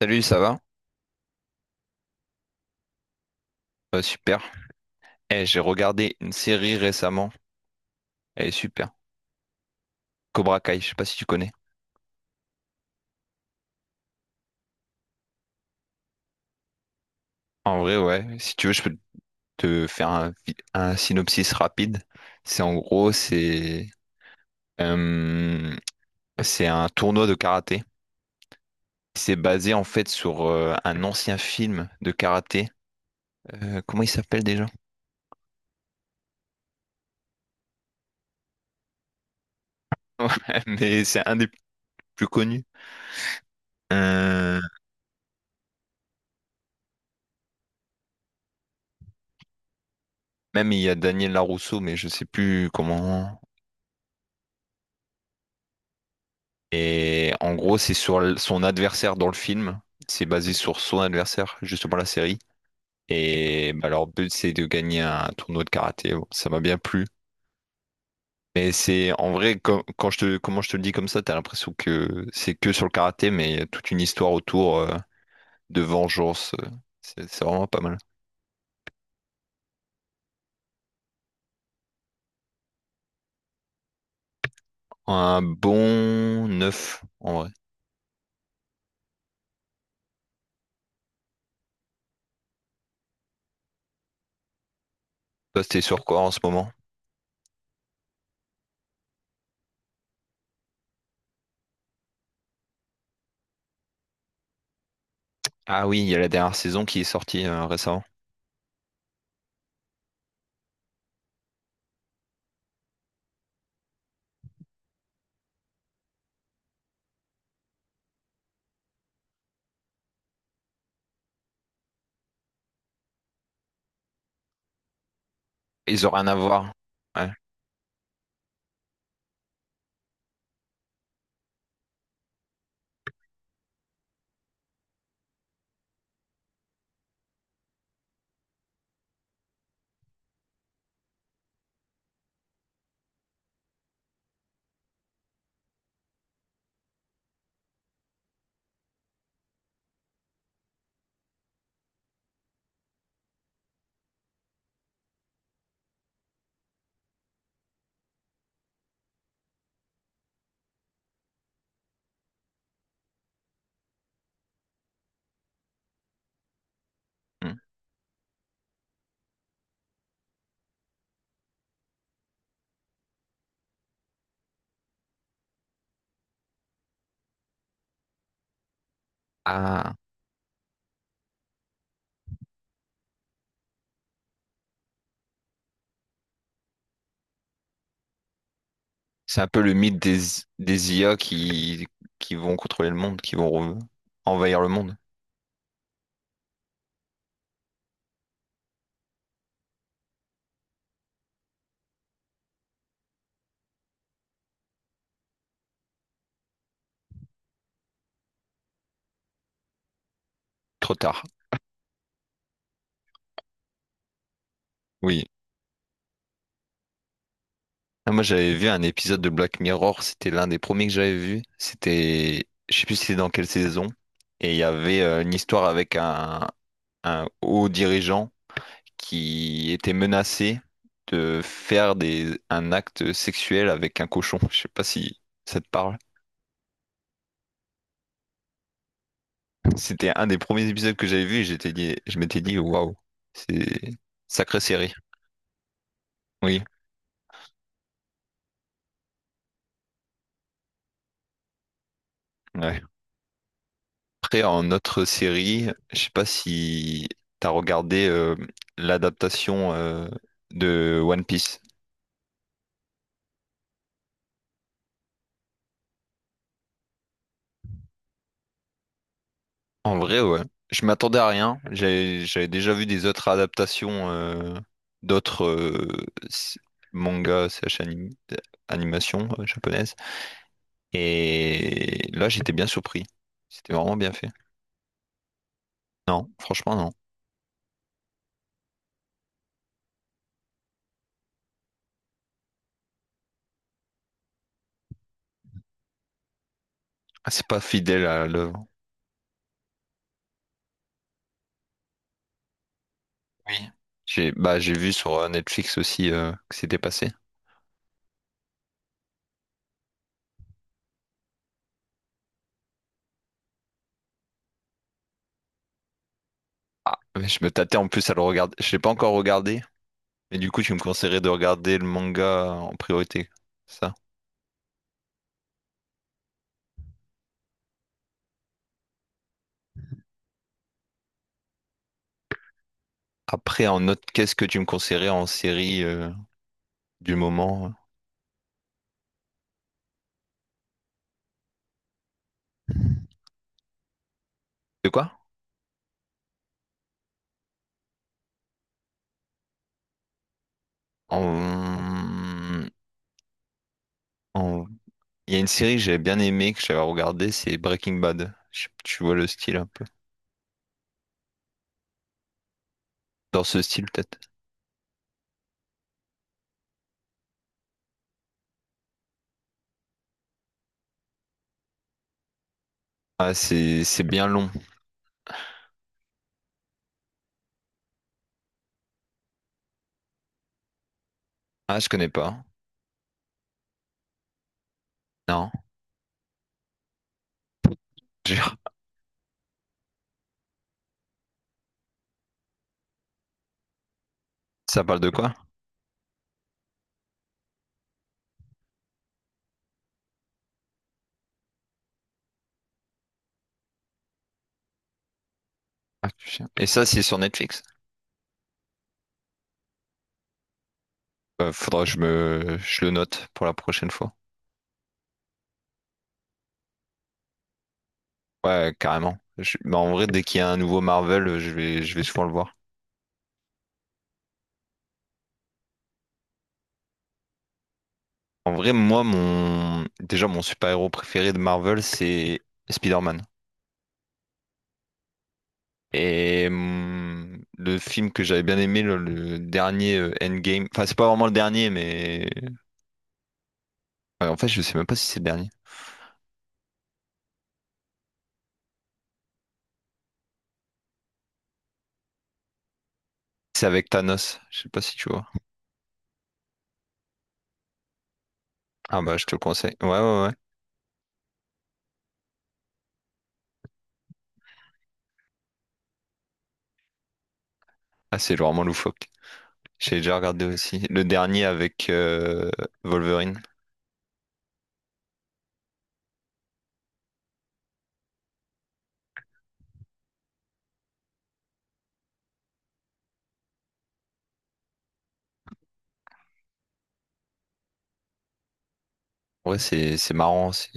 Salut, ça va? Super. Eh, j'ai regardé une série récemment. Elle est super. Cobra Kai, je sais pas si tu connais. En vrai, ouais. Si tu veux, je peux te faire un, un synopsis rapide. C'est en gros, c'est euh, c'est un tournoi de karaté. C'est basé en fait sur un ancien film de karaté. Comment il s'appelle déjà? Ouais, mais c'est un des plus connus. Euh, Même il y a Daniel Larousseau, mais je sais plus comment. Et en gros, c'est sur son adversaire dans le film. C'est basé sur son adversaire, justement la série. Et bah, leur but, c'est de gagner un tournoi de karaté. Bon, ça m'a bien plu. Mais c'est en vrai, quand comment je te le dis comme ça, t'as l'impression que c'est que sur le karaté, mais il y a toute une histoire autour de vengeance. C'est vraiment pas mal. Un bon 9 en vrai. Toi, t'es sur quoi en ce moment? Ah oui, il y a la dernière saison qui est sortie récemment. Ils ont rien à voir. Ouais. Hmm. Ah. C'est un peu le mythe des IA qui vont contrôler le monde, qui vont envahir le monde. Trop tard. Oui. Ah, moi, j'avais vu un épisode de Black Mirror, c'était l'un des premiers que j'avais vu. C'était, je sais plus c'était dans quelle saison. Et il y avait une histoire avec un haut dirigeant qui était menacé de faire un acte sexuel avec un cochon. Je sais pas si ça te parle. C'était un des premiers épisodes que j'avais vu et je m'étais dit, waouh, c'est sacrée série. Oui, ouais. Après, en autre série, je sais pas si t'as regardé l'adaptation de One Piece. En vrai, ouais. Je m'attendais à rien. J'avais déjà vu des autres adaptations d'autres mangas, slash animations japonaises. Et là, j'étais bien surpris. C'était vraiment bien fait. Non, franchement, non. Ah, c'est pas fidèle à l'œuvre. Oui. J'ai bah, j'ai vu sur Netflix aussi que c'était passé. Ah, mais je me tâtais en plus à le regarder. Je l'ai pas encore regardé, mais du coup, tu me conseillerais de regarder le manga en priorité. Ça. Après, en autre, qu'est-ce que tu me conseillerais en série du moment? De quoi? En... en- Il y a une série que j'avais bien aimée, que j'avais regardée, c'est Breaking Bad. Tu vois le style un peu. Dans ce style, peut-être. Ah, c'est bien long. Ah, je connais pas. Non. J'ai- Ça parle de quoi? Ah, putain. Et ça, c'est sur Netflix. Faudra que je le note pour la prochaine fois. Ouais, carrément. Bah, en vrai, dès qu'il y a un nouveau Marvel, je vais souvent le voir. En vrai, déjà, mon super-héros préféré de Marvel, c'est Spider-Man. Et le film que j'avais bien aimé, le dernier Endgame, enfin, c'est pas vraiment le dernier, mais... ouais, en fait, je sais même pas si c'est le dernier. C'est avec Thanos, je sais pas si tu vois. Ah bah, je te le conseille. Ouais, ouais, ouais. Ah, c'est vraiment loufoque. J'ai déjà regardé aussi. Le dernier avec Wolverine. Ouais, c'est marrant, c'est...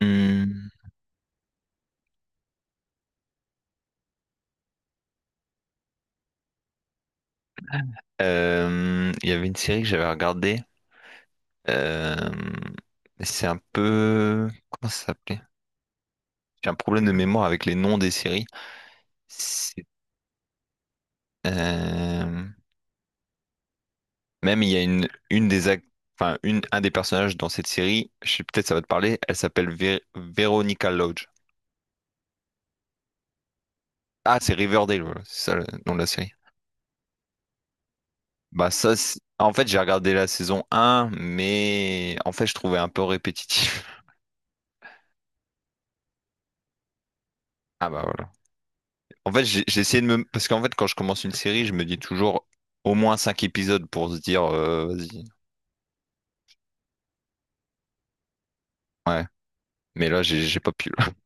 Hmm. Il y avait une série que j'avais regardée. euh, c'est un peu... Comment ça s'appelait? J'ai un problème de mémoire avec les noms des séries. C'est- euh, Même il y a une enfin, un des personnages dans cette série, je sais peut-être ça va te parler, elle s'appelle Veronica Lodge. Ah, c'est Riverdale, voilà, c'est ça le nom de la série. Bah ça, en fait, j'ai regardé la saison un, mais en fait, je trouvais un peu répétitif. Ah bah voilà. En fait, j'ai essayé de me... Parce qu'en fait, quand je commence une série, je me dis toujours au moins cinq épisodes pour se dire, vas-y. Ouais. Mais là, j'ai pas pu.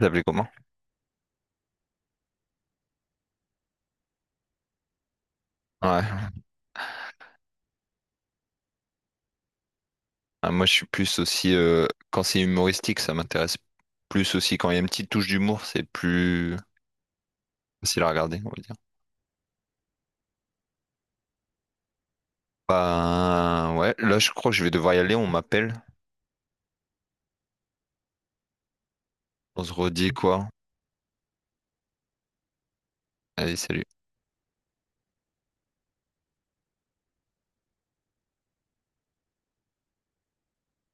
Vous appelez comment? Ouais. Ah, moi, je suis plus aussi... quand c'est humoristique, ça m'intéresse plus aussi. Quand il y a une petite touche d'humour, c'est plus facile à regarder, on va dire. Ben, ouais. Là, je crois que je vais devoir y aller. On m'appelle. On se redit quoi? Allez, salut.